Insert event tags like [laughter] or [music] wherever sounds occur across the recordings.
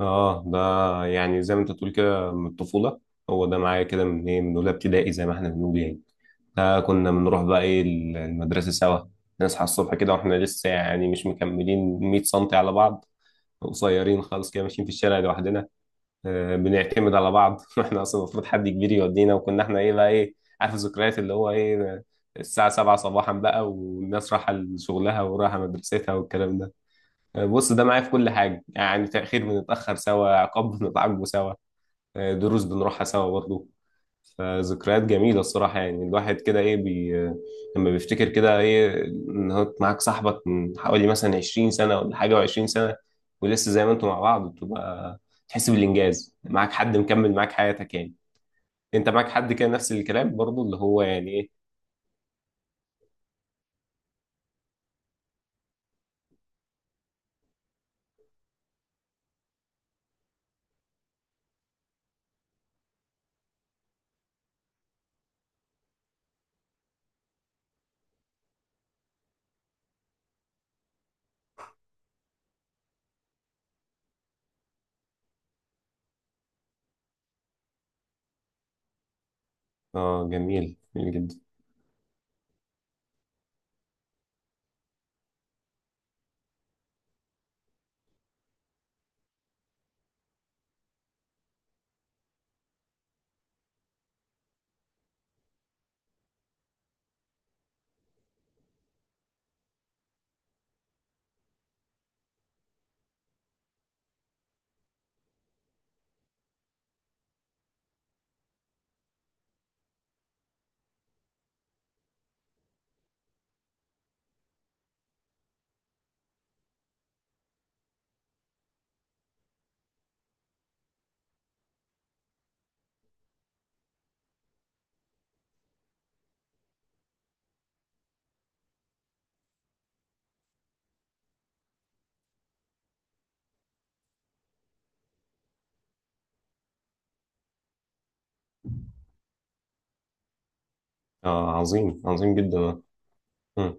اه ده، يعني زي ما انت تقول كده من الطفولة. هو ده معايا كده من ايه من اولى ابتدائي زي ما احنا بنقول يعني. ده كنا بنروح بقى ايه المدرسة سوا. نصحى الصبح كده واحنا لسه يعني مش مكملين 100 سم على بعض، قصيرين خالص كده ماشيين في الشارع لوحدنا. بنعتمد على بعض [laughs] واحنا اصلا المفروض حد كبير يودينا، وكنا احنا ايه بقى ايه عارف الذكريات اللي هو ايه. الساعة 7 صباحا بقى، والناس رايحة لشغلها ورايحة مدرستها والكلام ده. بص، ده معايا في كل حاجة، يعني تأخير بنتأخر سوا، عقاب بنتعاقبه سوا، دروس بنروحها سوا برضه. فذكريات جميلة الصراحة، يعني الواحد كده إيه لما بيفتكر كده إيه إن هو معاك صاحبك من حوالي مثلا 20 سنة ولا حاجة، و20 سنة ولسه زي ما أنتوا مع بعض، بتبقى تحس بالإنجاز، معاك حد مكمل معاك حياتك يعني. أنت معاك حد كده نفس الكلام برضه اللي هو يعني إيه. آه جميل جميل جدا. آه عظيم عظيم جدا. آه.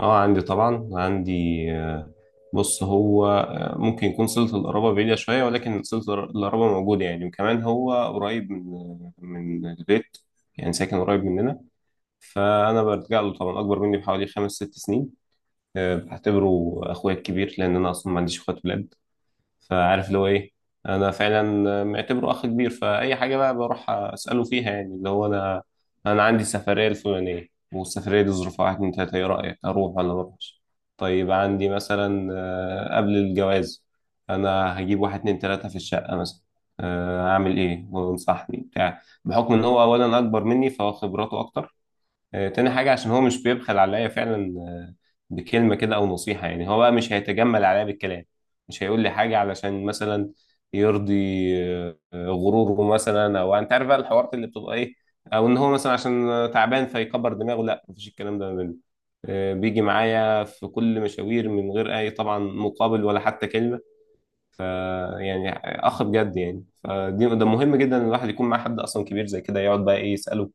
اه عندي طبعا، عندي. آه، بص هو ممكن يكون صلة القرابة بعيدة شوية، ولكن صلة القرابة موجودة يعني، وكمان هو قريب من من البيت. يعني ساكن قريب مننا. فأنا برجع له طبعا، أكبر مني بحوالي خمس ست سنين. بعتبره أخويا الكبير لأن أنا أصلا ما عنديش أخوات ولاد. فعارف اللي هو ايه. انا فعلا معتبره اخ كبير، فاي حاجه بقى بروح اساله فيها. يعني اللي هو انا عندي السفريه الفلانيه، والسفريه دي ظروفها واحد اتنين تلاته، ايه رايك اروح ولا ما اروحش؟ طيب عندي مثلا قبل الجواز انا هجيب واحد اتنين تلاته في الشقه مثلا، اعمل ايه؟ وانصحني بتاع، بحكم ان هو اولا اكبر مني فهو خبراته اكتر. تاني حاجة عشان هو مش بيبخل عليا فعلا، بكلمة كده أو نصيحة. يعني هو بقى مش هيتجمل عليا بالكلام، مش هيقول لي حاجة علشان مثلا يرضي غروره مثلا، أو يعني أنت عارف بقى الحوارات اللي بتبقى إيه، أو إن هو مثلا عشان تعبان فيكبر دماغه. لا، مفيش الكلام ده منه. بيجي معايا في كل مشاوير من غير أي طبعا مقابل ولا حتى كلمة. ف يعني أخ بجد يعني. فدي ده مهم جدا إن الواحد يكون مع حد أصلا كبير زي كده، يقعد بقى إيه يسأله.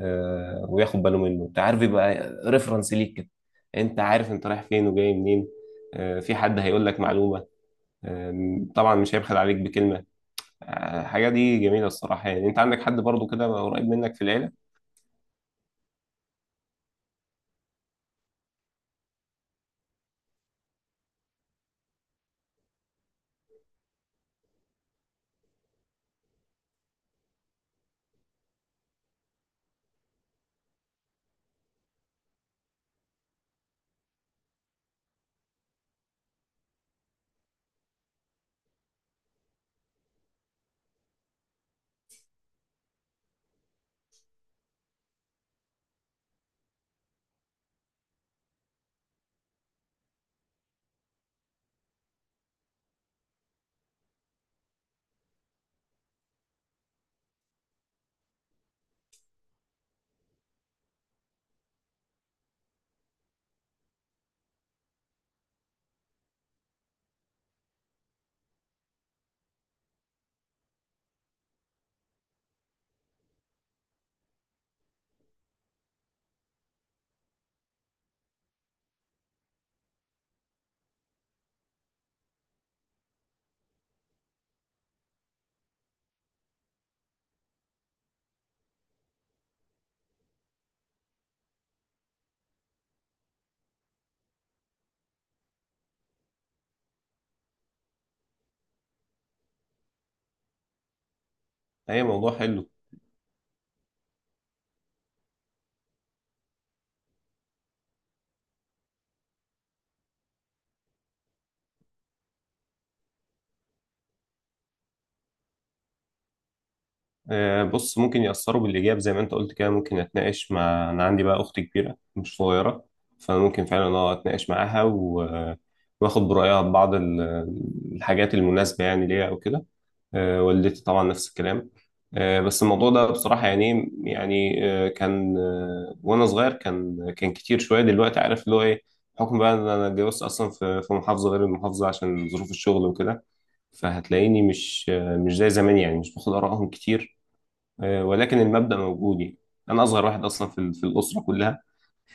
وياخد باله منه، انت عارف يبقى ريفرنس ليك كده. انت عارف انت رايح فين وجاي منين. في حد هيقول لك معلومة. طبعا مش هيبخل عليك بكلمة. الحاجة دي جميلة الصراحة. يعني انت عندك حد برضو كده قريب منك في العيلة. هي موضوع حلو. بص ممكن يأثروا بالإيجاب زي ما انت قلت كده. ممكن أتناقش مع، أنا عندي بقى أخت كبيرة مش صغيرة، فممكن فعلا أه أتناقش معاها و... واخد برأيها ببعض الحاجات المناسبة يعني ليها أو كده. والدتي طبعا نفس الكلام. بس الموضوع ده بصراحة يعني كان، وأنا صغير كان كتير شوية، دلوقتي عارف اللي هو إيه. بحكم بقى إن أنا اتجوزت أصلا في محافظة غير المحافظة عشان ظروف الشغل وكده، فهتلاقيني مش مش زي زمان يعني، مش باخد آرائهم كتير. ولكن المبدأ موجود يعني. أنا أصغر واحد أصلا في في الأسرة كلها،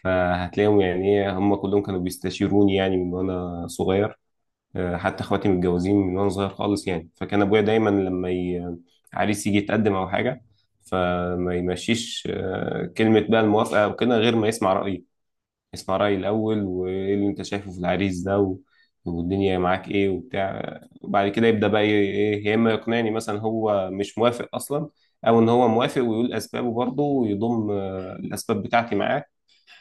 فهتلاقيهم يعني إيه هم كلهم كانوا بيستشيروني يعني من وأنا صغير. حتى اخواتي متجوزين من وانا صغير خالص يعني. فكان ابويا دايما لما عريس يجي يتقدم او حاجه، فما يمشيش كلمه بقى الموافقه او كده غير ما يسمع رايي. يسمع رايي الاول، وايه اللي انت شايفه في العريس ده و... والدنيا معاك ايه وبتاع، وبعد كده يبدا بقى ايه إيه، يا اما يقنعني مثلا هو مش موافق اصلا، او ان هو موافق ويقول اسبابه برضه ويضم الاسباب بتاعتي معاه.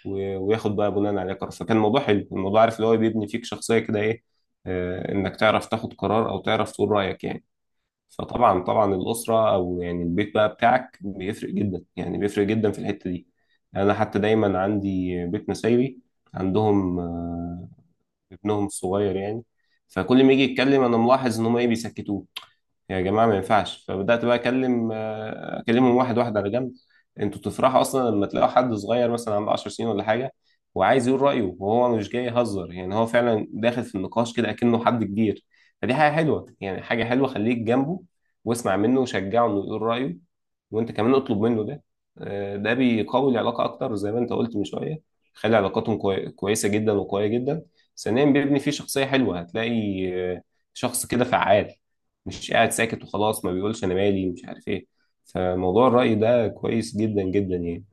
وياخد بقى بناء عليه قرار. فكان الموضوع حلو، الموضوع عارف اللي هو بيبني فيك شخصية كده ايه، انك تعرف تاخد قرار او تعرف تقول رأيك يعني. فطبعا طبعا الأسرة او يعني البيت بقى بتاعك بيفرق جدا، يعني بيفرق جدا في الحتة دي. يعني انا حتى دايما عندي بيت نسايبي، عندهم ابنهم الصغير يعني. فكل ما يجي يتكلم انا ملاحظ ان هم ايه بيسكتوه. يا جماعة ما ينفعش، فبدأت بقى أكلم أكلمهم واحد واحد على جنب. أنتوا تفرحوا أصلا لما تلاقوا حد صغير مثلا عنده 10 سنين ولا حاجة، وعايز يقول رأيه، وهو مش جاي يهزر، يعني هو فعلا داخل في النقاش كده أكنه حد كبير. فدي حاجة حلوة يعني، حاجة حلوة. خليك جنبه واسمع منه وشجعه إنه يقول رأيه، وانت كمان اطلب منه ده. ده بيقوي العلاقه اكتر زي ما انت قلت من شويه. خلي علاقاتهم كويسه جدا وقويه جدا. ثانيا بيبني فيه شخصيه حلوه، هتلاقي آه، شخص كده فعال، مش قاعد ساكت وخلاص، ما بيقولش انا مالي مش عارف ايه. فموضوع الرأي ده كويس جدا جدا يعني.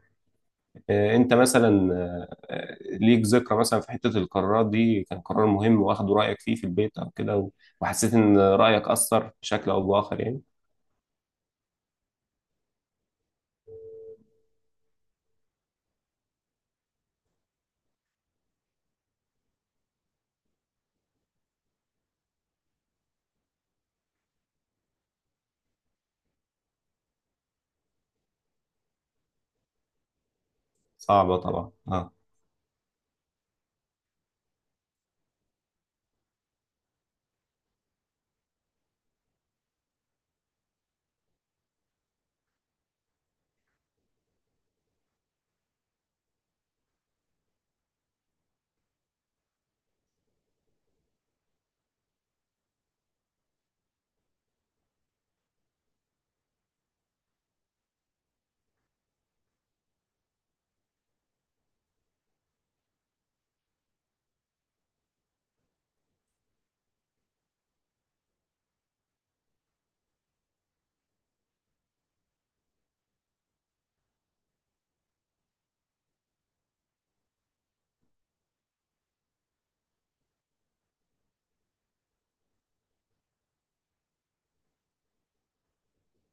انت مثلا ليك ذكرى مثلا في حتة القرارات دي، كان قرار مهم واخدوا رأيك فيه في البيت او كده وحسيت ان رأيك أثر بشكل او بآخر يعني. صعبة طبعا اه.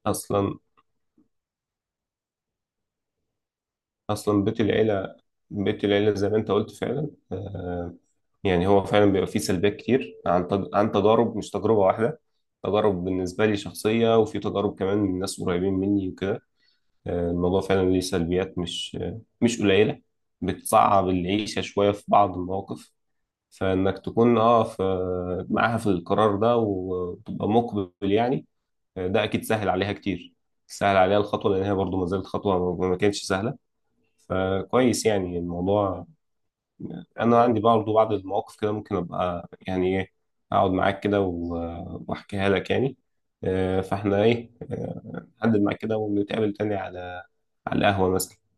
اصلا اصلا بيت العيله، زي ما انت قلت فعلا. يعني هو فعلا بيبقى فيه سلبيات كتير عن عن تجارب مش تجربه واحده. تجارب بالنسبه لي شخصيه، وفي تجارب كمان من ناس قريبين مني وكده. الموضوع فعلا ليه سلبيات مش مش قليله. بتصعب العيشه شويه في بعض المواقف. فانك تكون اه معاها في القرار ده وتبقى مقبل يعني، ده اكيد سهل عليها كتير. سهل عليها الخطوه لان هي برضو ما زالت خطوه، ما كانتش سهله. فكويس يعني الموضوع. انا عندي برضه بعض المواقف كده، ممكن ابقى يعني ايه اقعد معاك كده واحكيها لك يعني. فاحنا ايه نحدد معاك كده ونتقابل تاني على القهوة مثلا.